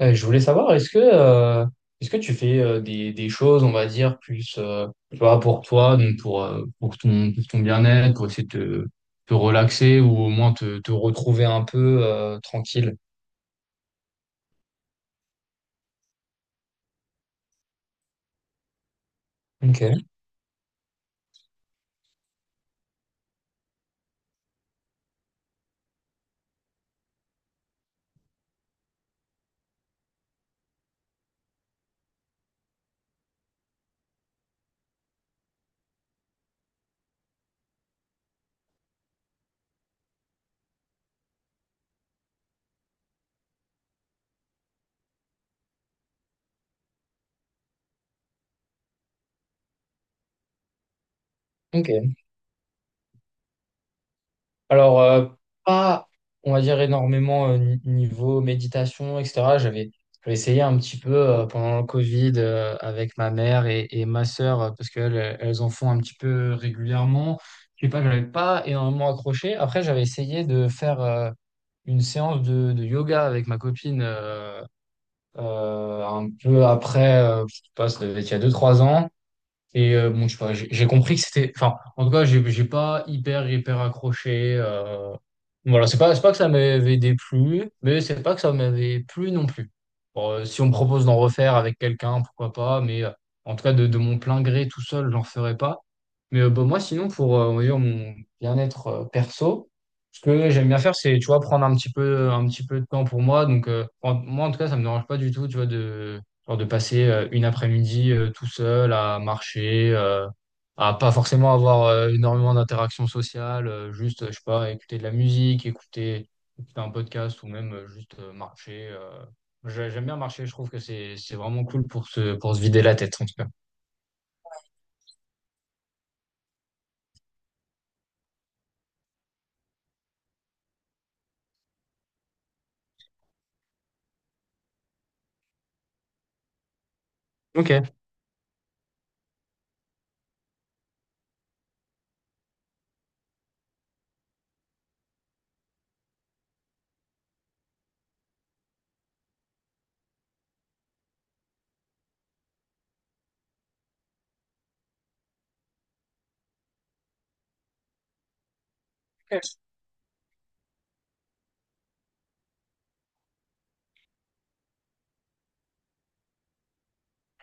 Je voulais savoir, est-ce que tu fais des choses, on va dire, plus tu vois, pour toi, donc pour ton bien-être, pour essayer de te relaxer ou au moins te retrouver un peu tranquille? Ok. Ok. Alors, pas, on va dire, énormément niveau méditation, etc. J'avais essayé un petit peu pendant le Covid avec ma mère et ma sœur, parce qu'elles en font un petit peu régulièrement. Je sais pas, j'avais pas énormément accroché. Après, j'avais essayé de faire une séance de yoga avec ma copine un peu après, je sais pas, ça devait être il y a deux trois ans. Et bon, je sais pas, j'ai compris que c'était. Enfin, en tout cas, j'ai pas hyper, hyper accroché. Voilà, c'est pas que ça m'avait déplu, mais c'est pas que ça m'avait plu non plus. Bon, si on me propose d'en refaire avec quelqu'un, pourquoi pas, mais en tout cas, de mon plein gré tout seul, j'en ferai pas. Mais bah, moi, sinon, pour on va dire, mon bien-être perso, ce que j'aime bien faire, c'est, tu vois, prendre un petit peu de temps pour moi. Donc, moi, en tout cas, ça me dérange pas du tout, tu vois, genre de passer une après-midi tout seul à marcher, à pas forcément avoir énormément d'interactions sociales, juste, je sais pas, écouter de la musique, écouter un podcast ou même juste marcher. J'aime bien marcher, je trouve que c'est vraiment cool pour pour se vider la tête, en tout cas. Ok.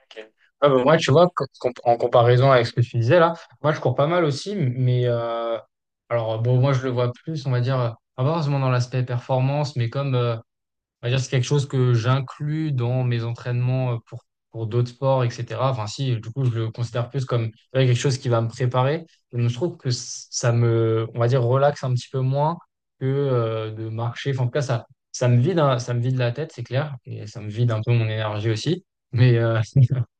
Ok. Ah bah moi, tu vois, en comparaison avec ce que tu disais là, moi je cours pas mal aussi, mais alors bon, moi je le vois plus, on va dire, pas forcément dans l'aspect performance, mais comme on va dire c'est quelque chose que j'inclus dans mes entraînements pour d'autres sports, etc. Enfin, si, du coup, je le considère plus comme tu vois, quelque chose qui va me préparer. Et je trouve que ça me, on va dire, relaxe un petit peu moins que de marcher. Enfin, en tout cas, ça me vide, hein, ça me vide la tête, c'est clair, et ça me vide un peu mon énergie aussi. Mais, euh,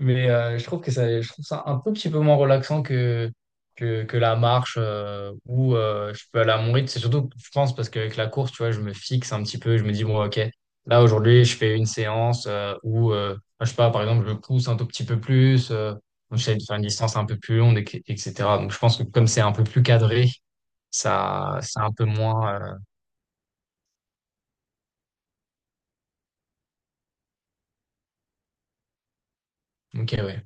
Mais je trouve ça un peu petit peu moins relaxant que la marche où je peux aller à mon rythme. C'est surtout, je pense, parce qu'avec la course, tu vois, je me fixe un petit peu. Je me dis, bon, OK, là, aujourd'hui, je fais une séance où, je sais pas, par exemple, je pousse un tout petit peu plus, j'essaie de faire une distance un peu plus longue, etc. Donc, je pense que comme c'est un peu plus cadré, ça, c'est un peu moins. OK, ouais.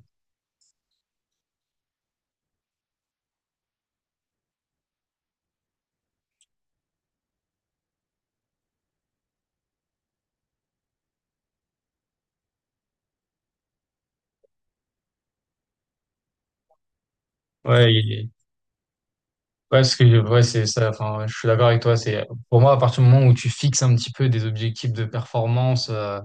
Ouais, ouais, parce que ouais, c'est ça. Enfin, ouais, je suis d'accord avec toi. C'est pour moi à partir du moment où tu fixes un petit peu des objectifs de performance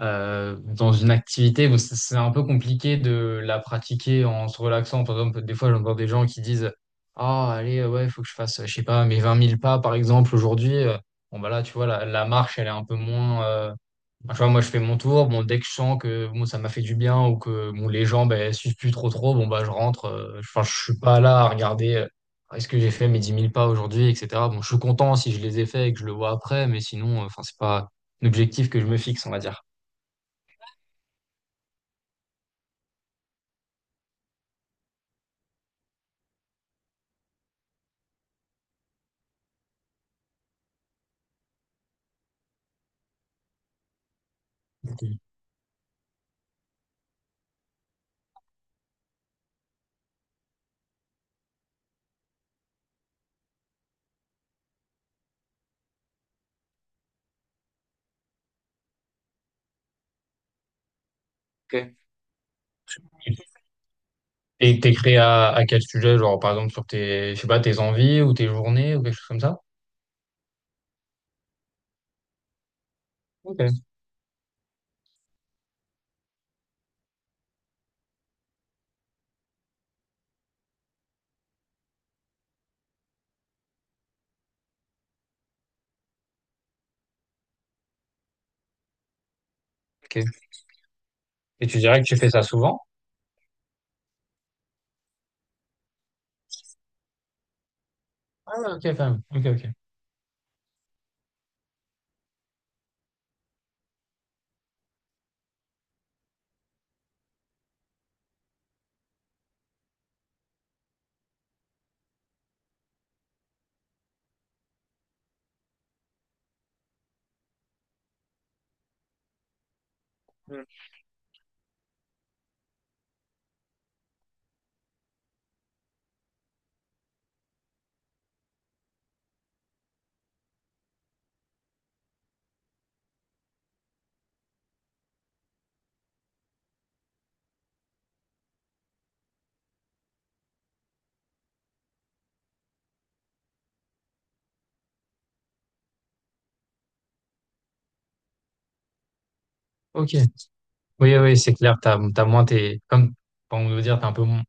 dans une activité, bon, c'est un peu compliqué de la pratiquer en se relaxant. Par exemple, des fois j'entends des gens qui disent, ah allez ouais, faut que je fasse, je sais pas, mes 20 000 pas par exemple aujourd'hui. Bon bah là, tu vois, la marche elle est un peu moins. Enfin, tu vois, moi, je fais mon tour. Bon, dès que je sens que bon, ça m'a fait du bien ou que bon, les gens ben, suivent plus trop trop, bon, bah, je rentre. Enfin, je suis pas là à regarder est-ce que j'ai fait mes 10 000 pas aujourd'hui, etc. Bon, je suis content si je les ai faits et que je le vois après, mais sinon, enfin, c'est pas l'objectif que je me fixe, on va dire. Ok. Et t'es créé à quel sujet? Genre, par exemple, sur tes, je sais pas, tes envies ou tes journées ou quelque chose comme ça? Ok, ok. Et tu dirais que tu fais ça souvent? Ah, ok, quand même. Ok, ok. Ok. Oui, oui, c'est clair, t'as moins tes, comme, pour vous dire, t'es un peu, mo-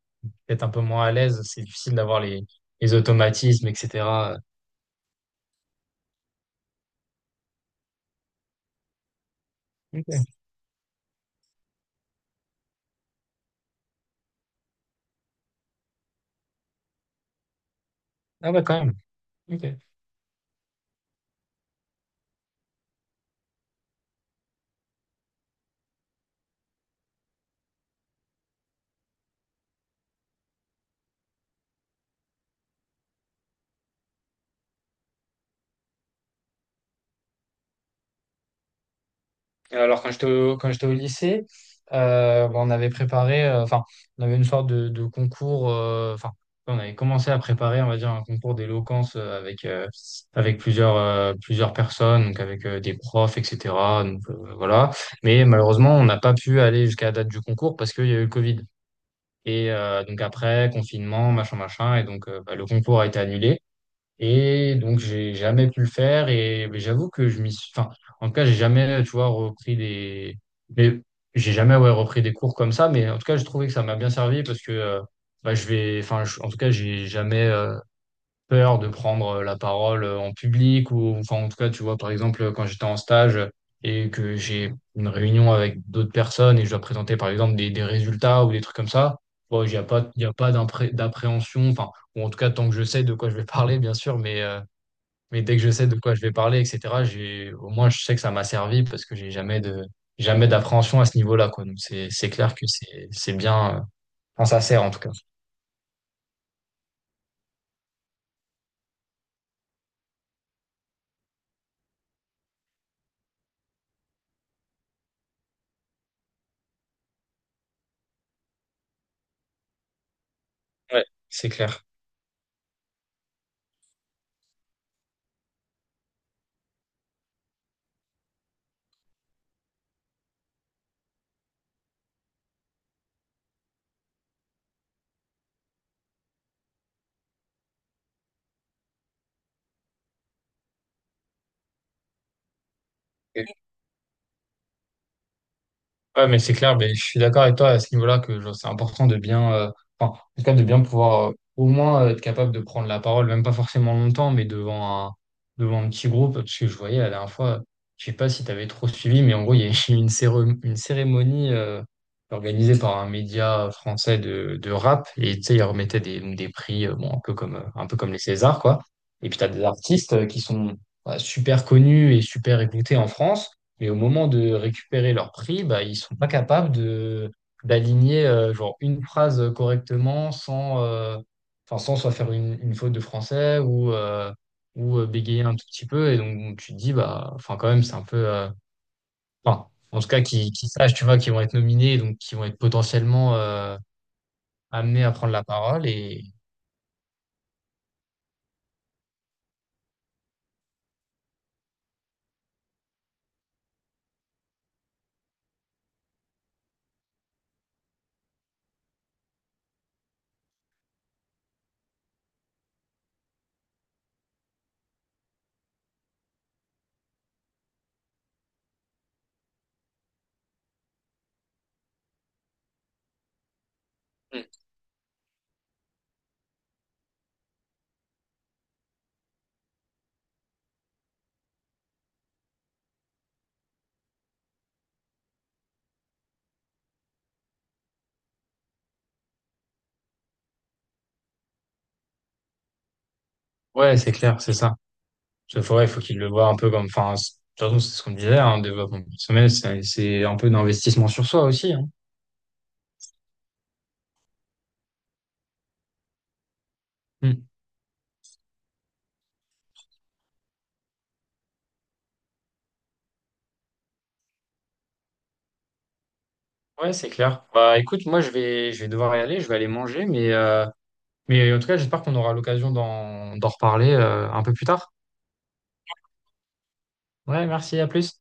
peut-être un peu moins à l'aise, c'est difficile d'avoir les automatismes, etc. Ok. Ah ouais, quand même. Ok. Alors, quand j'étais quand j'étais au lycée, bon, on avait préparé, enfin, on avait une sorte de concours, enfin, on avait commencé à préparer, on va dire, un concours d'éloquence avec plusieurs, plusieurs personnes, donc avec des profs, etc. Donc, voilà. Mais malheureusement, on n'a pas pu aller jusqu'à la date du concours parce qu'il y a eu le Covid. Et donc après, confinement, machin, machin, et donc bah, le concours a été annulé. Et donc j'ai jamais pu le faire. Et mais j'avoue que je m'y suis. Enfin, en tout cas, j'ai jamais, tu vois, repris des. Mais j'ai jamais ouais, repris des cours comme ça. Mais en tout cas, j'ai trouvé que ça m'a bien servi parce que bah, je vais. Enfin, en tout cas, j'ai jamais. Peur de prendre la parole en public ou enfin en tout cas tu vois par exemple quand j'étais en stage et que j'ai une réunion avec d'autres personnes et je dois présenter par exemple des résultats ou des trucs comme ça bon il y a pas d'appréhension enfin ou en tout cas tant que je sais de quoi je vais parler bien sûr mais dès que je sais de quoi je vais parler etc j'ai au moins je sais que ça m'a servi parce que j'ai jamais de jamais d'appréhension à ce niveau-là quoi donc c'est clair que c'est bien enfin ça sert en tout cas ouais c'est clair. Ouais, mais c'est clair, mais je suis d'accord avec toi à ce niveau-là que genre, c'est important de bien, enfin, en tout cas, de bien pouvoir au moins être capable de prendre la parole, même pas forcément longtemps, mais devant un petit groupe, parce que je voyais la dernière fois, je sais pas si tu avais trop suivi, mais en gros, il y a eu une cérémonie organisée par un média français de rap, et tu sais, ils remettaient des prix, bon, un peu comme les Césars, quoi. Et puis, tu as des artistes qui sont bah, super connus et super écoutés en France mais au moment de récupérer leur prix, bah, ils sont pas capables de d'aligner genre une phrase correctement sans, enfin, sans soit faire une faute de français ou bégayer un tout petit peu. Et donc, tu te dis, bah, enfin, quand même, c'est un peu. Enfin, en tout cas, qui sachent, tu vois, qui vont être nominés, donc qui vont être potentiellement amenés à prendre la parole. Et Mm. Ouais, c'est clair, c'est ça. Il faut, ouais, faut qu'ils le voient un peu comme. Enfin, de toute façon, c'est ce qu'on disait, hein, développement personnel, c'est un peu d'investissement sur soi aussi. Hein. Mm. Ouais, c'est clair. Bah écoute, moi je vais devoir y aller, je vais aller manger, mais en tout cas j'espère qu'on aura l'occasion d'en reparler un peu plus tard. Ouais, merci, à plus.